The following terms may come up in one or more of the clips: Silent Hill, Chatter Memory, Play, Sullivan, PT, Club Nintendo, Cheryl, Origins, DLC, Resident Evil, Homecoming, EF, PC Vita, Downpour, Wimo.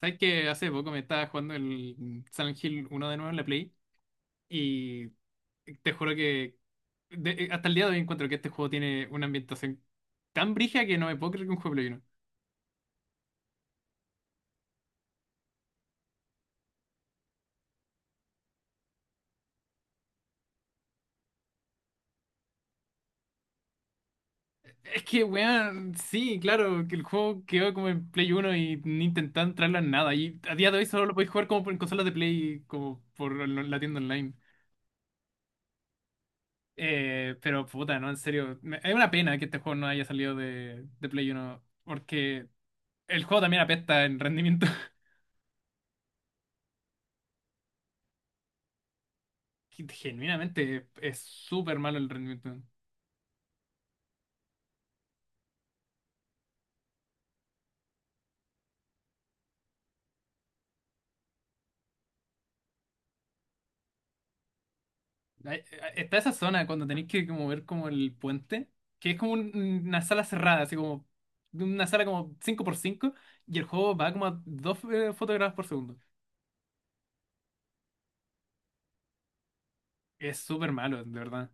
¿Sabes que hace poco me estaba jugando el Silent Hill uno de nuevo en la Play? Y te juro que hasta el día de hoy encuentro que este juego tiene una ambientación tan brija que no me puedo creer que un juego de Play uno. Es que, weón, sí, claro, que el juego quedó como en Play uno y ni intentaron traerlo en nada. Y a día de hoy solo lo podéis jugar en consolas de Play, la tienda online. Pero puta, no, en serio. Es una pena que este juego no haya salido de Play uno porque el juego también apesta en rendimiento. Que genuinamente es súper malo el rendimiento. Hay- Está esa zona cuando tenéis que como ver como el puente, que es como una sala cerrada, así como una sala como cinco por cinco y el juego va como a 2 fotogramas por segundo. Es súper malo, de verdad.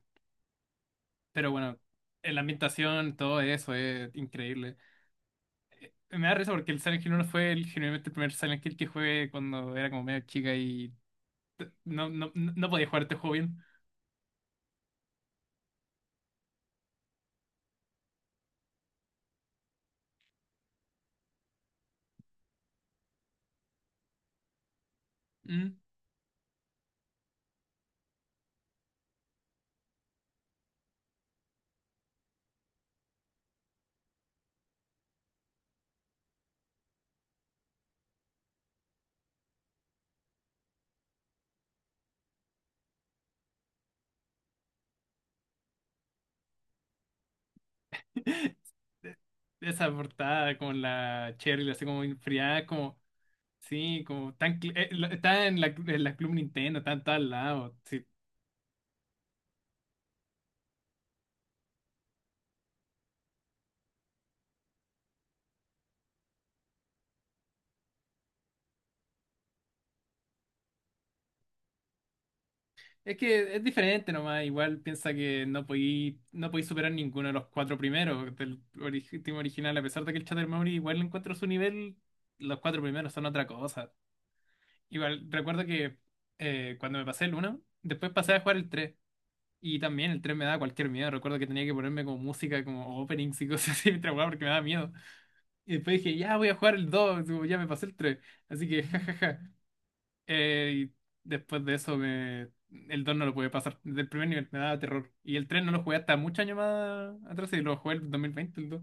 Pero bueno, La ambientación, todo eso es increíble. Me da risa porque el Silent Hill 1 fue genuinamente el primer Silent Hill que jugué cuando era como medio chica y no, no, no podía jugar este juego bien. Mm. Esa portada con la Cheryl así como enfriada, como, sí, como tan, está en la Club Nintendo, está en todos lados, sí. Es que es diferente nomás, igual piensa que no podí superar ninguno de los cuatro primeros del team original, a pesar de que el Chatter Memory igual encuentro su nivel, los cuatro primeros son otra cosa. Igual, recuerdo que cuando me pasé el uno después pasé a jugar el tres. Y también el 3 me daba cualquier miedo. Recuerdo que tenía que ponerme como música, como openings y cosas así mientras jugaba porque me daba miedo. Y después dije, ya voy a jugar el 2 como ya me pasé el tres. Así que, jajaja. Y después de eso, me... El 2 no lo pude pasar. Desde el primer nivel me daba terror. Y el 3 no lo jugué hasta muchos años más atrás y lo jugué el 2020, el 2.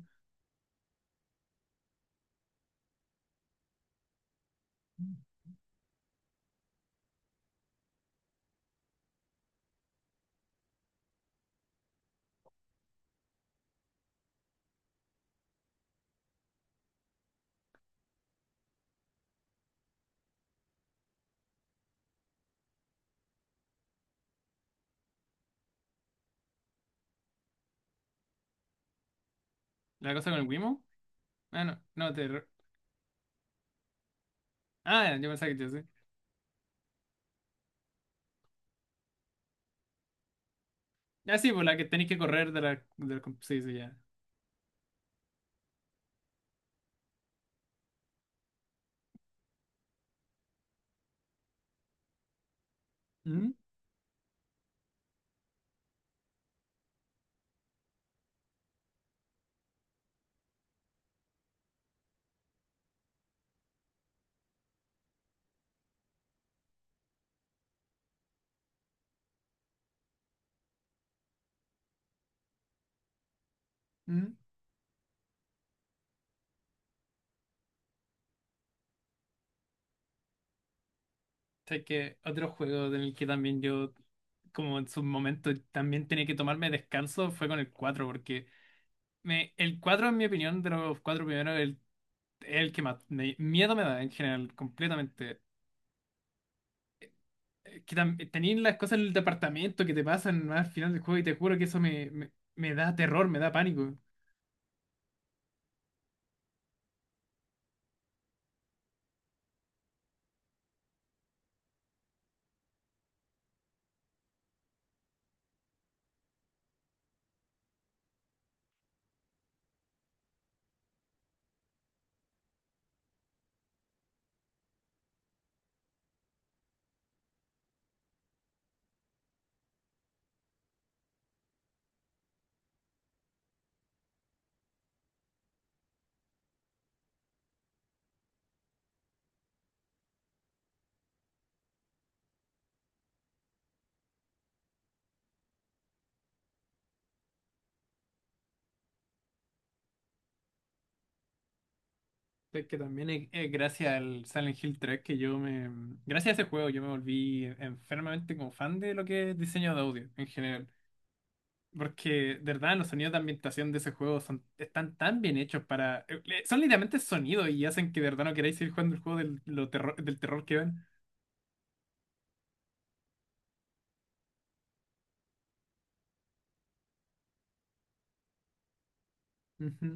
La cosa con el Wimo. Ah, no, no, terror. Ah, yo pensaba que yo sé. Ah, sí, por la que tenéis que correr de la... De la... Sí, sí, ya. ¿Mm? ¿Mm? O que otro juego en el que también yo, como en su momento, también tenía que tomarme descanso fue con el 4 porque... El cuatro, en mi opinión, de los cuatro primeros, el que más miedo me da, en general, completamente. Que tenéis las cosas en el departamento que te pasan más al final del juego y te juro que eso me da terror, me da pánico. Es que también es gracias al Silent Hill 3 que yo me... Gracias a ese juego yo me volví enfermamente como fan de lo que es diseño de audio en general. Porque, de verdad, los sonidos de ambientación de ese juego son, están tan bien hechos para... Son literalmente sonidos y hacen que de verdad no queráis seguir jugando el juego del terror que ven. Ujú.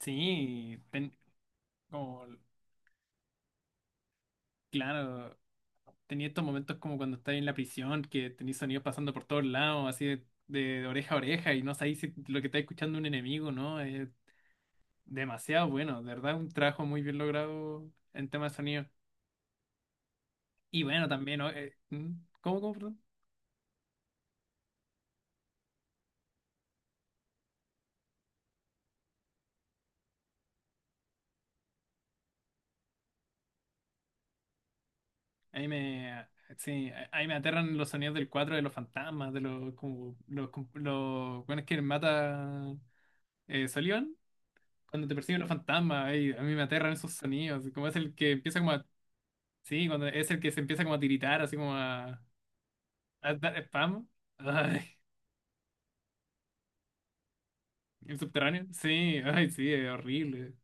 Sí, como, claro, tenía estos momentos como cuando estás en la prisión, que tenéis sonidos pasando por todos lados, así de oreja a oreja, y no sabéis si lo que está escuchando un enemigo, ¿no? Es demasiado bueno, de verdad, un trabajo muy bien logrado en tema de sonido. Y bueno, también, ¿no? ¿Mm? ¿Cómo, perdón? Ahí me, ah, sí, ahí me aterran los sonidos del 4 de los fantasmas, de los, como, los, los, bueno, es que mata Sullivan. Cuando te persiguen los fantasmas, ahí, a mí me aterran esos sonidos, como es el que empieza como a... Sí, cuando es el que se empieza como a tiritar, así como a dar spam. Ay, el subterráneo. Sí, ay, sí, es horrible.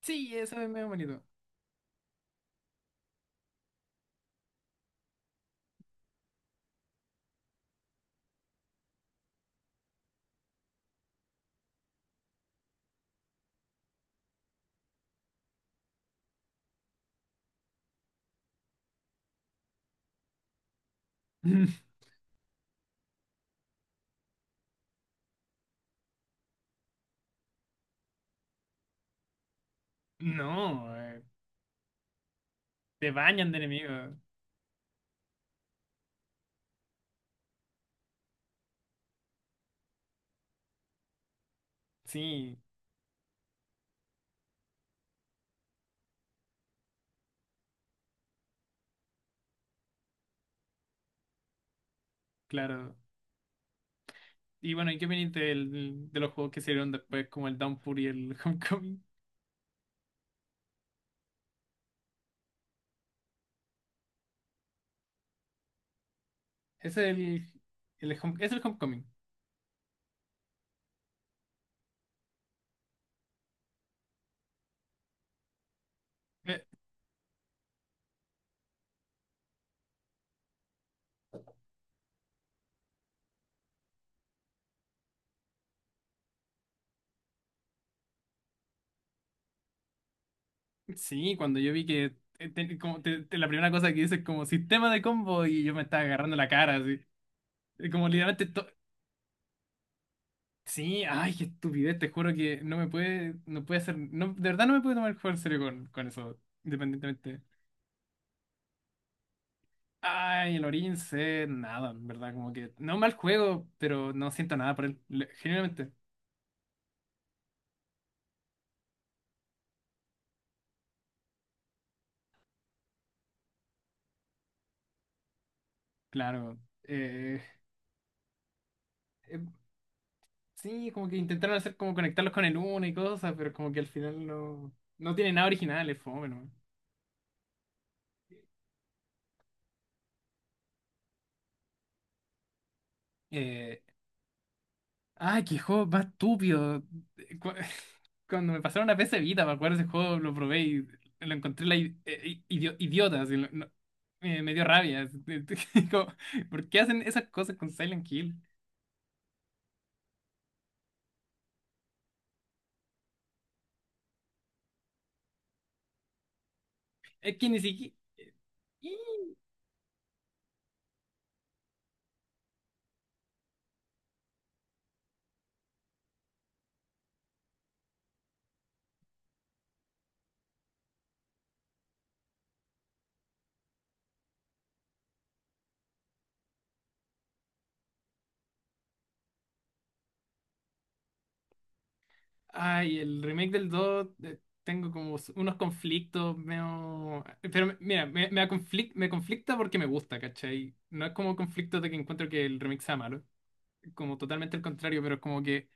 Sí, eso es medio bonito. No, te bañan de enemigos. Sí, claro. Y bueno, ¿y qué opinas de los juegos que salieron después, como el Downpour y el Homecoming? Es el, es el Homecoming. Eh, sí, cuando yo vi que la primera cosa que dice es como sistema de combo y yo me estaba agarrando la cara, así. Y como literalmente sí, ay, qué estupidez, te juro que no me puede, no puede hacer, no, de verdad no me puede tomar el juego en serio con eso, independientemente. Ay, el Origins es nada, en verdad, como que, no mal juego, pero no siento nada por él, genuinamente, claro. Eh, sí, como que intentaron hacer como conectarlos con el 1 y cosas, pero como que al final no, no tiene nada original, es fome, ¿no? Eh, Ay, qué juego más estúpido. Eh, Cu- Cuando me pasaron a PC Vita, me acuerdo ese juego, lo probé y lo encontré la idiota. Así, me dio rabia. Como, ¿por qué hacen esas cosas con Silent Hill? Es que ni siquiera. Ay, el remake del 2. Tengo como unos conflictos, medio... Pero me- mira, me, conflic- me conflicta porque me gusta, ¿cachai? No es como conflicto de que encuentro que el remake sea malo, como totalmente el contrario, pero es como que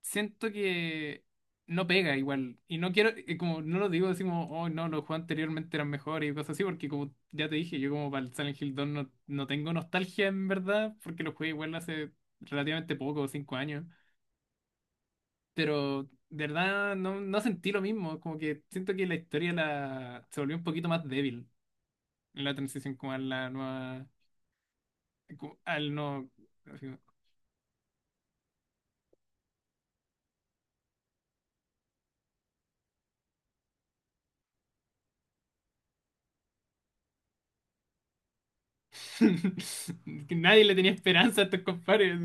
siento que no pega igual. Y no quiero, como no lo digo así como, oh no, los juegos anteriormente eran mejores y cosas así, porque como ya te dije, yo como para el Silent Hill 2 no, no tengo nostalgia en verdad, porque lo jugué igual hace relativamente poco, 5 años. Pero de verdad no, no sentí lo mismo, como que siento que la historia se volvió un poquito más débil en la transición como a la nueva, como al no... Que nadie le tenía esperanza a estos compadres.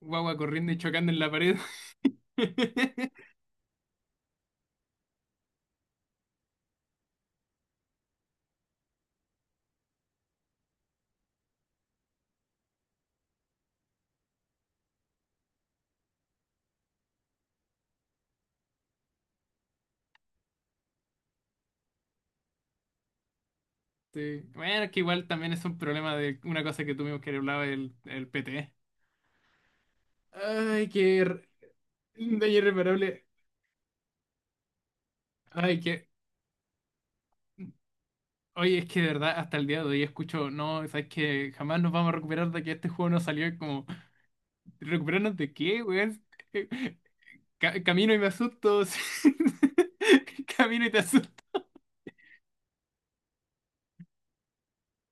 Guagua corriendo y chocando en la pared. Sí. Bueno, que igual también es un problema de una cosa que tuvimos que hablar el PT. Ay, un daño irreparable. Ay, que. Oye, es que de verdad, hasta el día de hoy escucho, no, sabes que jamás nos vamos a recuperar de que este juego no salió. Es como, ¿recuperarnos de qué, weón? Eh, camino y me asusto. Sí. Camino y te asusto.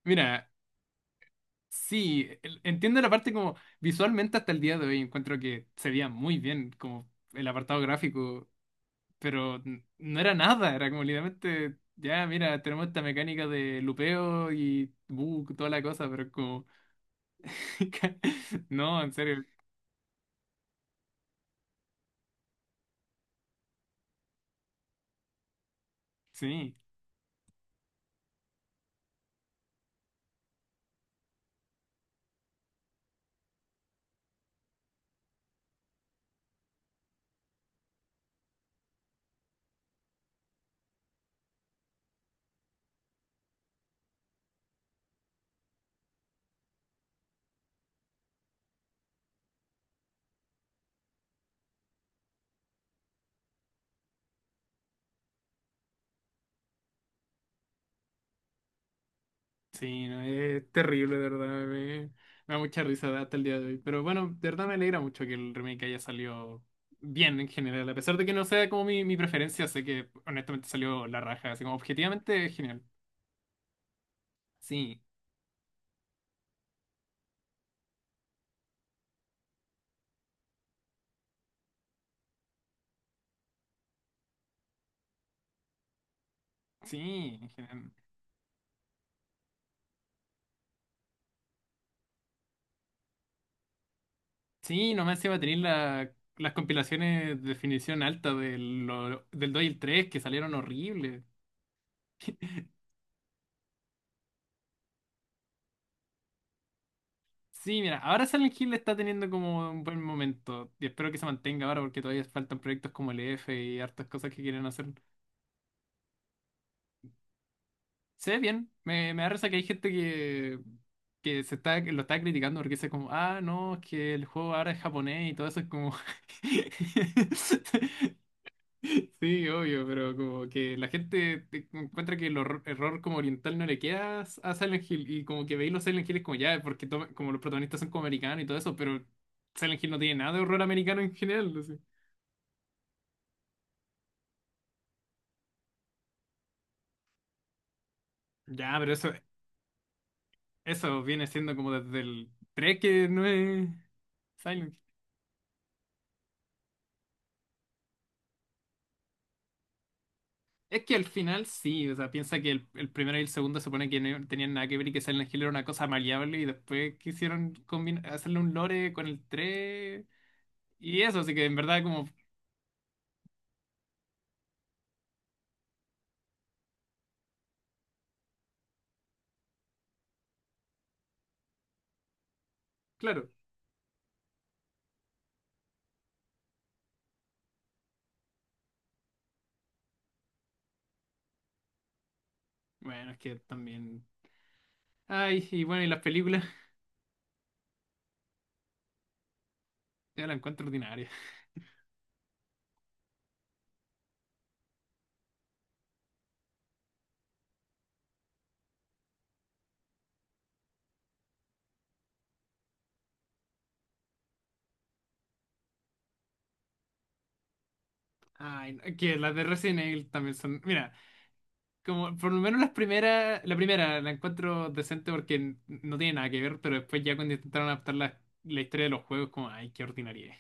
Mira, sí, entiendo la parte como visualmente hasta el día de hoy encuentro que se veía muy bien, como el apartado gráfico. Pero no era nada, era como literalmente, ya, mira, tenemos esta mecánica de lupeo y bug, toda la cosa, pero es como, no, en serio, sí, sí, no, es terrible, de verdad, me da mucha risa hasta el día de hoy, pero bueno, de verdad me alegra mucho que el remake haya salido bien en general, a pesar de que no sea como mi preferencia, sé que honestamente salió la raja, así como objetivamente genial, sí, sí, en general. Sí, nomás se va a tener las compilaciones de definición alta del 2 y el 3 que salieron horribles. Sí, mira, ahora Silent Hill está teniendo como un buen momento y espero que se mantenga ahora porque todavía faltan proyectos como el EF y hartas cosas que quieren hacer. Se ve bien, me da risa que hay gente que, lo está criticando porque dice como, ah, no, es que el juego ahora es japonés y todo eso es como... Sí, obvio, pero como que la gente encuentra que el error como oriental no le queda a Silent Hill y como que veis los Silent Hill es como ya, porque como los protagonistas son como americanos y todo eso, pero Silent Hill no tiene nada de horror americano en general. Así. Ya, pero eso viene siendo como desde el 3 que no es Silent Hill. Es que al final sí, o sea, piensa que el primero y el segundo se supone que no tenían nada que ver y que Silent Hill era una cosa maleable y después quisieron hacerle un lore con el 3 y eso, así que en verdad como, claro. Bueno, es que también. Ay, y bueno, y las películas, yo las encuentro ordinarias. Ay, no, es que las de Resident Evil también son. Mira, como por lo menos las primeras, la primera la encuentro decente porque no tiene nada que ver, pero después ya cuando intentaron adaptar la historia de los juegos, como, ay, qué ordinaria.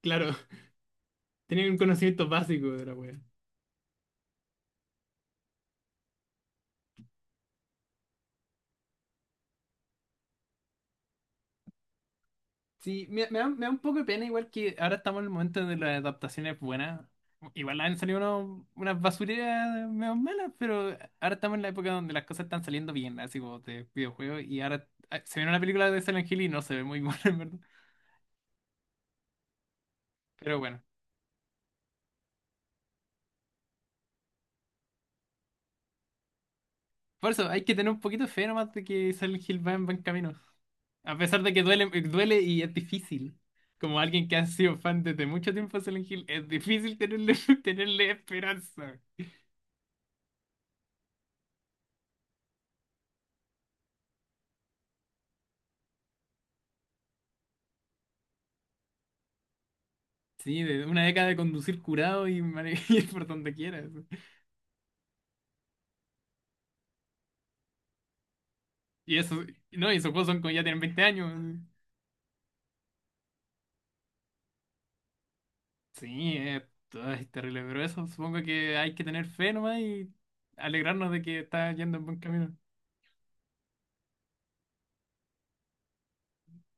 Claro, tenían un conocimiento básico de la wea. Sí, me da un poco de pena, igual que ahora estamos en el momento de las adaptaciones buenas. Igual han salido unas basureras medio malas, pero ahora estamos en la época donde las cosas están saliendo bien, así como de videojuegos, y ahora se ve una película de Silent Hill y no se ve muy buena, en verdad. Pero bueno, por eso hay que tener un poquito de fe nomás de que Silent Hill va en buen camino. A pesar de que duele, duele y es difícil. Como alguien que ha sido fan desde mucho tiempo de Silent Hill, es difícil tenerle, tenerle esperanza. Sí, de una década de conducir curado y ir por donde quieras. Y eso, no, y esos juegos son como ya tienen 20 años. Sí, ay, terrible, pero eso supongo que hay que tener fe nomás y alegrarnos de que está yendo en buen camino.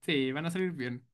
Sí, van a salir bien.